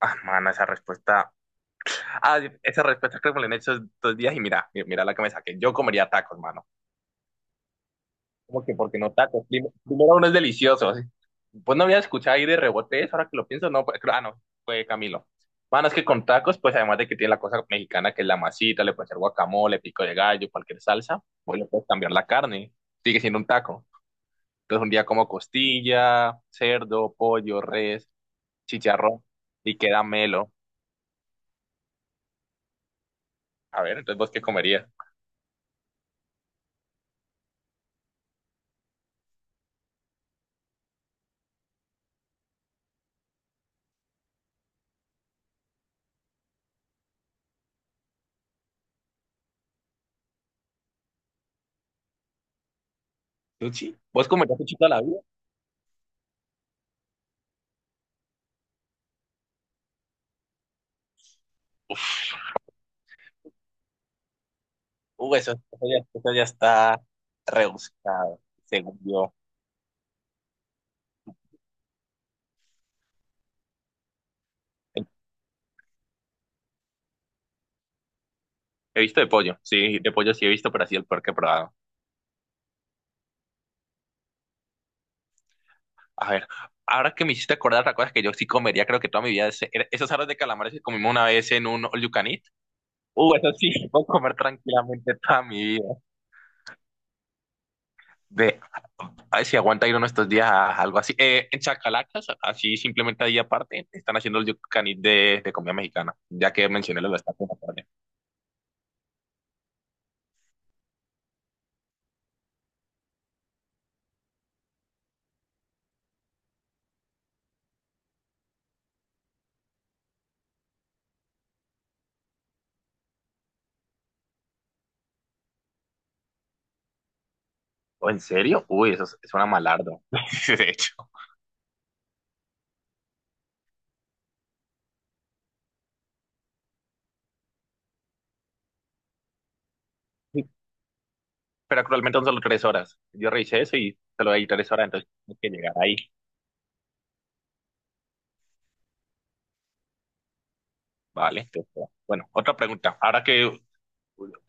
Ah, mano, esa respuesta. Ah, esa respuesta creo que me la han hecho dos días y mira, mira la que me saqué. Yo comería tacos, mano. ¿Cómo que porque no tacos? Primero uno es delicioso. Así. Pues no había escuchado ahí de rebote eso, ahora que lo pienso, no, pues, no, fue Camilo. Mano, es que con tacos, pues además de que tiene la cosa mexicana que es la masita, le puedes hacer guacamole, pico de gallo, cualquier salsa, pues le puedes cambiar la carne. Sigue siendo un taco. Entonces un día como costilla, cerdo, pollo, res, chicharrón y queda melo. A ver, entonces, ¿vos qué comerías? ¿Sushi? ¿Vos comerías sushi toda la vida? Eso ya está rebuscado, según yo. He visto de pollo sí he visto, pero así el peor que he probado. A ver, ahora que me hiciste acordar otra cosa que yo sí comería, creo que toda mi vida, esos aros de calamares que comimos una vez en un all you can eat. Eso sí, puedo comer tranquilamente toda mi vida. De, a ver si aguanta ir uno estos días a algo así. En Chacalacas, así simplemente ahí aparte, están haciendo el you can eat de comida mexicana, ya que mencioné lo de esta. ¿O en serio? Uy, una malardo. De hecho. Pero actualmente son solo tres horas. Yo revisé eso y solo hay tres horas, entonces tengo que llegar ahí. Vale, entonces, bueno, bueno, otra pregunta. Ahora que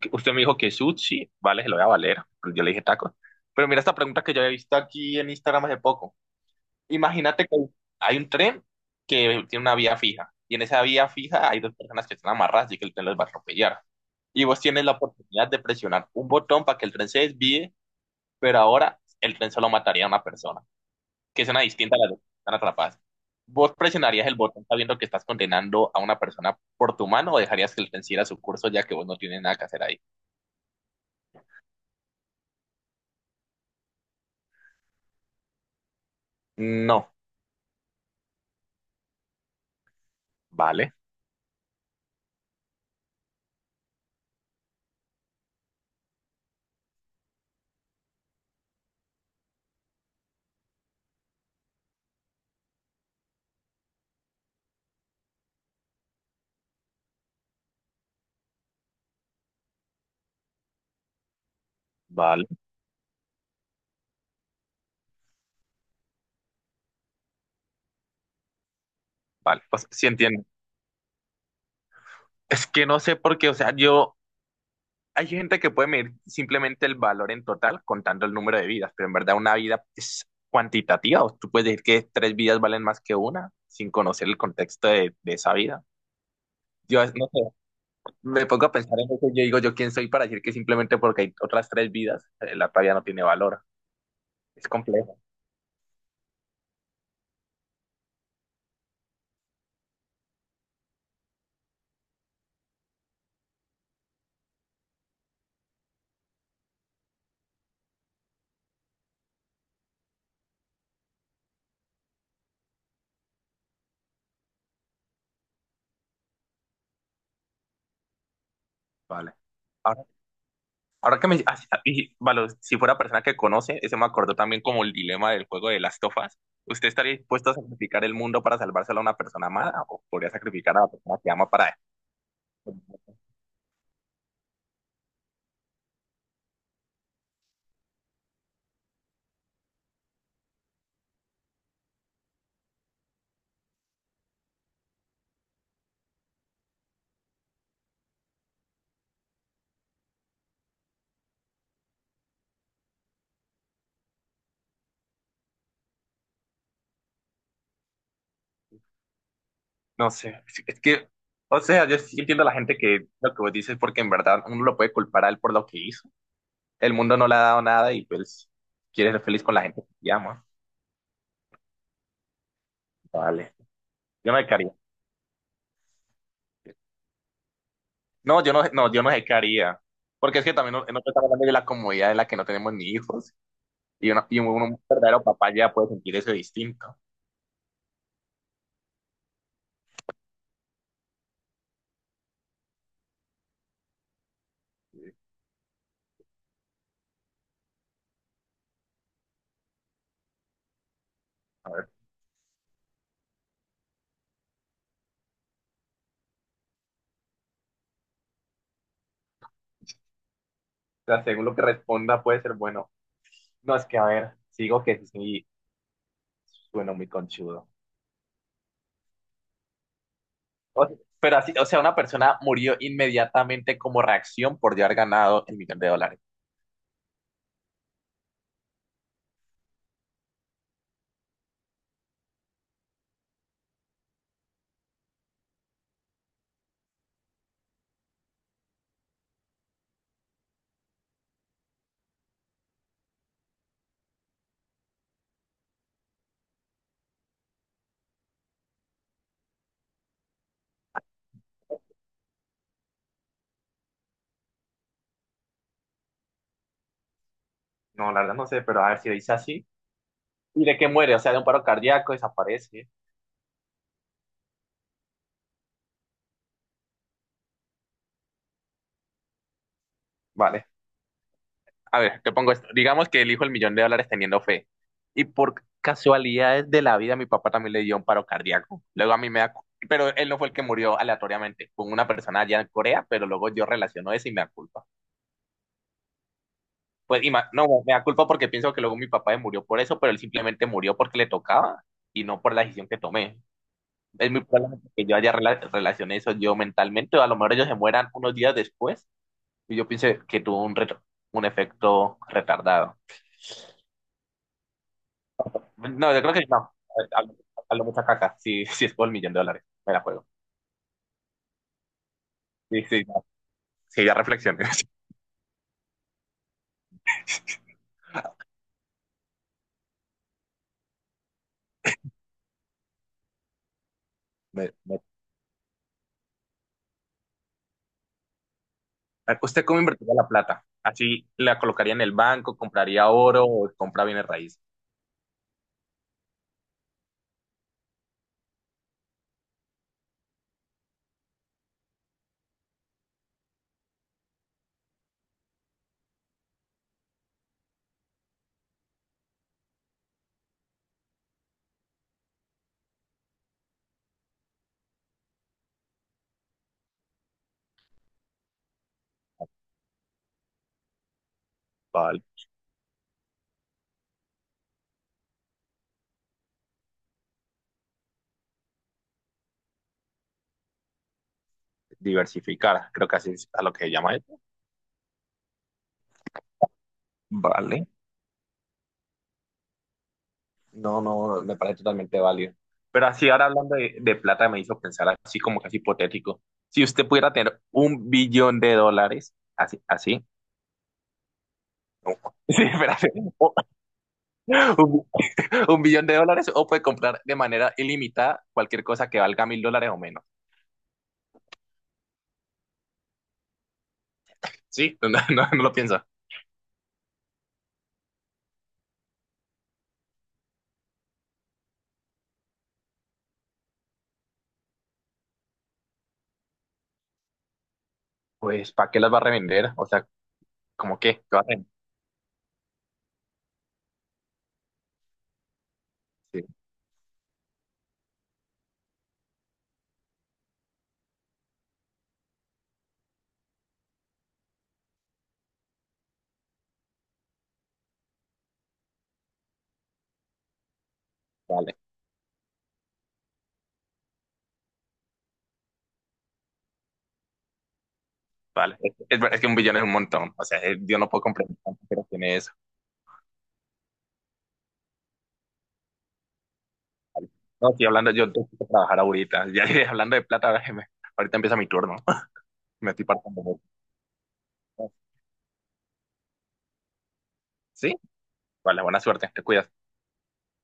que usted me dijo que sushi, vale, se lo voy a valer, pero yo le dije tacos. Pero mira esta pregunta que yo he visto aquí en Instagram hace poco. Imagínate que hay un tren que tiene una vía fija. Y en esa vía fija hay dos personas que están amarradas y que el tren los va a atropellar. Y vos tienes la oportunidad de presionar un botón para que el tren se desvíe, pero ahora el tren solo mataría a una persona, que es una distinta a las dos que están atrapadas. ¿Vos presionarías el botón sabiendo que estás condenando a una persona por tu mano o dejarías que el tren siguiera su curso ya que vos no tienes nada que hacer ahí? No, vale, vale, vale. Pues sí entiendo. Es que no sé por qué, o sea, yo, hay gente que puede medir simplemente el valor en total contando el número de vidas, pero en verdad una vida es cuantitativa. O tú puedes decir que tres vidas valen más que una sin conocer el contexto de esa vida. Yo no sé. Me pongo a pensar en eso y yo digo, ¿yo quién soy para decir que simplemente porque hay otras tres vidas, la talla no tiene valor? Es complejo, ¿vale? Ahora, ahora que me... ah, sí, ah, y, vale, si fuera persona que conoce, ese me acordó también como el dilema del juego de las tofas. ¿Usted estaría dispuesto a sacrificar el mundo para salvárselo a una persona amada o podría sacrificar a la persona que ama para... No sé, es que... O sea, yo sí entiendo a la gente que lo que vos dices porque en verdad uno lo puede culpar a él por lo que hizo. El mundo no le ha dado nada y pues quiere ser feliz con la gente que ama. Vale. Yo no dejaría. No, yo no, no, yo no dejaría. Porque es que también no, no estamos hablando de la comodidad en la que no tenemos ni hijos. Y, uno, un verdadero papá ya puede sentir eso distinto. A ver, o sea, según lo que responda puede ser bueno. No, es que a ver, sigo que sí, bueno, muy conchudo. O- pero así, o sea, una persona murió inmediatamente como reacción por ya haber ganado el millón de dólares. No, la verdad no sé, pero a ver si dice así. ¿Y de qué muere? O sea, de un paro cardíaco, desaparece. Vale. A ver, te pongo esto. Digamos que elijo el millón de dólares teniendo fe. Y por casualidades de la vida, mi papá también le dio un paro cardíaco. Luego a mí me da... pero él no fue el que murió aleatoriamente. Fue una persona allá en Corea, pero luego yo relaciono eso y me da culpa. Pues y no, me da culpa porque pienso que luego mi papá se murió por eso, pero él simplemente murió porque le tocaba y no por la decisión que tomé. Es muy probable que yo haya relacioné eso yo mentalmente, o a lo mejor ellos se mueran unos días después y yo piense que tuvo un, un efecto retardado. No, yo creo que no. Hablo mucha caca. Si es por el millón de dólares, me la juego. Sí, sí, no. Sí, ya reflexioné. Me- me- ¿usted cómo invertiría la plata? ¿Así la colocaría en el banco, compraría oro o compra bienes raíces? Vale. Diversificar, creo que así es a lo que llama él. Vale. No, no, me parece totalmente válido. Pero así ahora hablando de plata me hizo pensar así como casi hipotético. Si usted pudiera tener un billón de dólares, así, así. No. Sí, espérate. Un billón de dólares o puede comprar de manera ilimitada cualquier cosa que valga mil dólares o menos. Sí, no, no, no lo piensa. Pues, ¿para qué las va a revender? O sea, ¿cómo qué? ¿Qué va a revender? Sí, vale, vale. Es que un billón es un montón. O sea, yo no puedo comprar tanto, pero tiene eso. No, estoy hablando, yo tengo que trabajar ahorita. Ya hablando de plata, ahorita empieza mi turno. Me estoy partiendo. Sí, vale, buena suerte, te cuidas.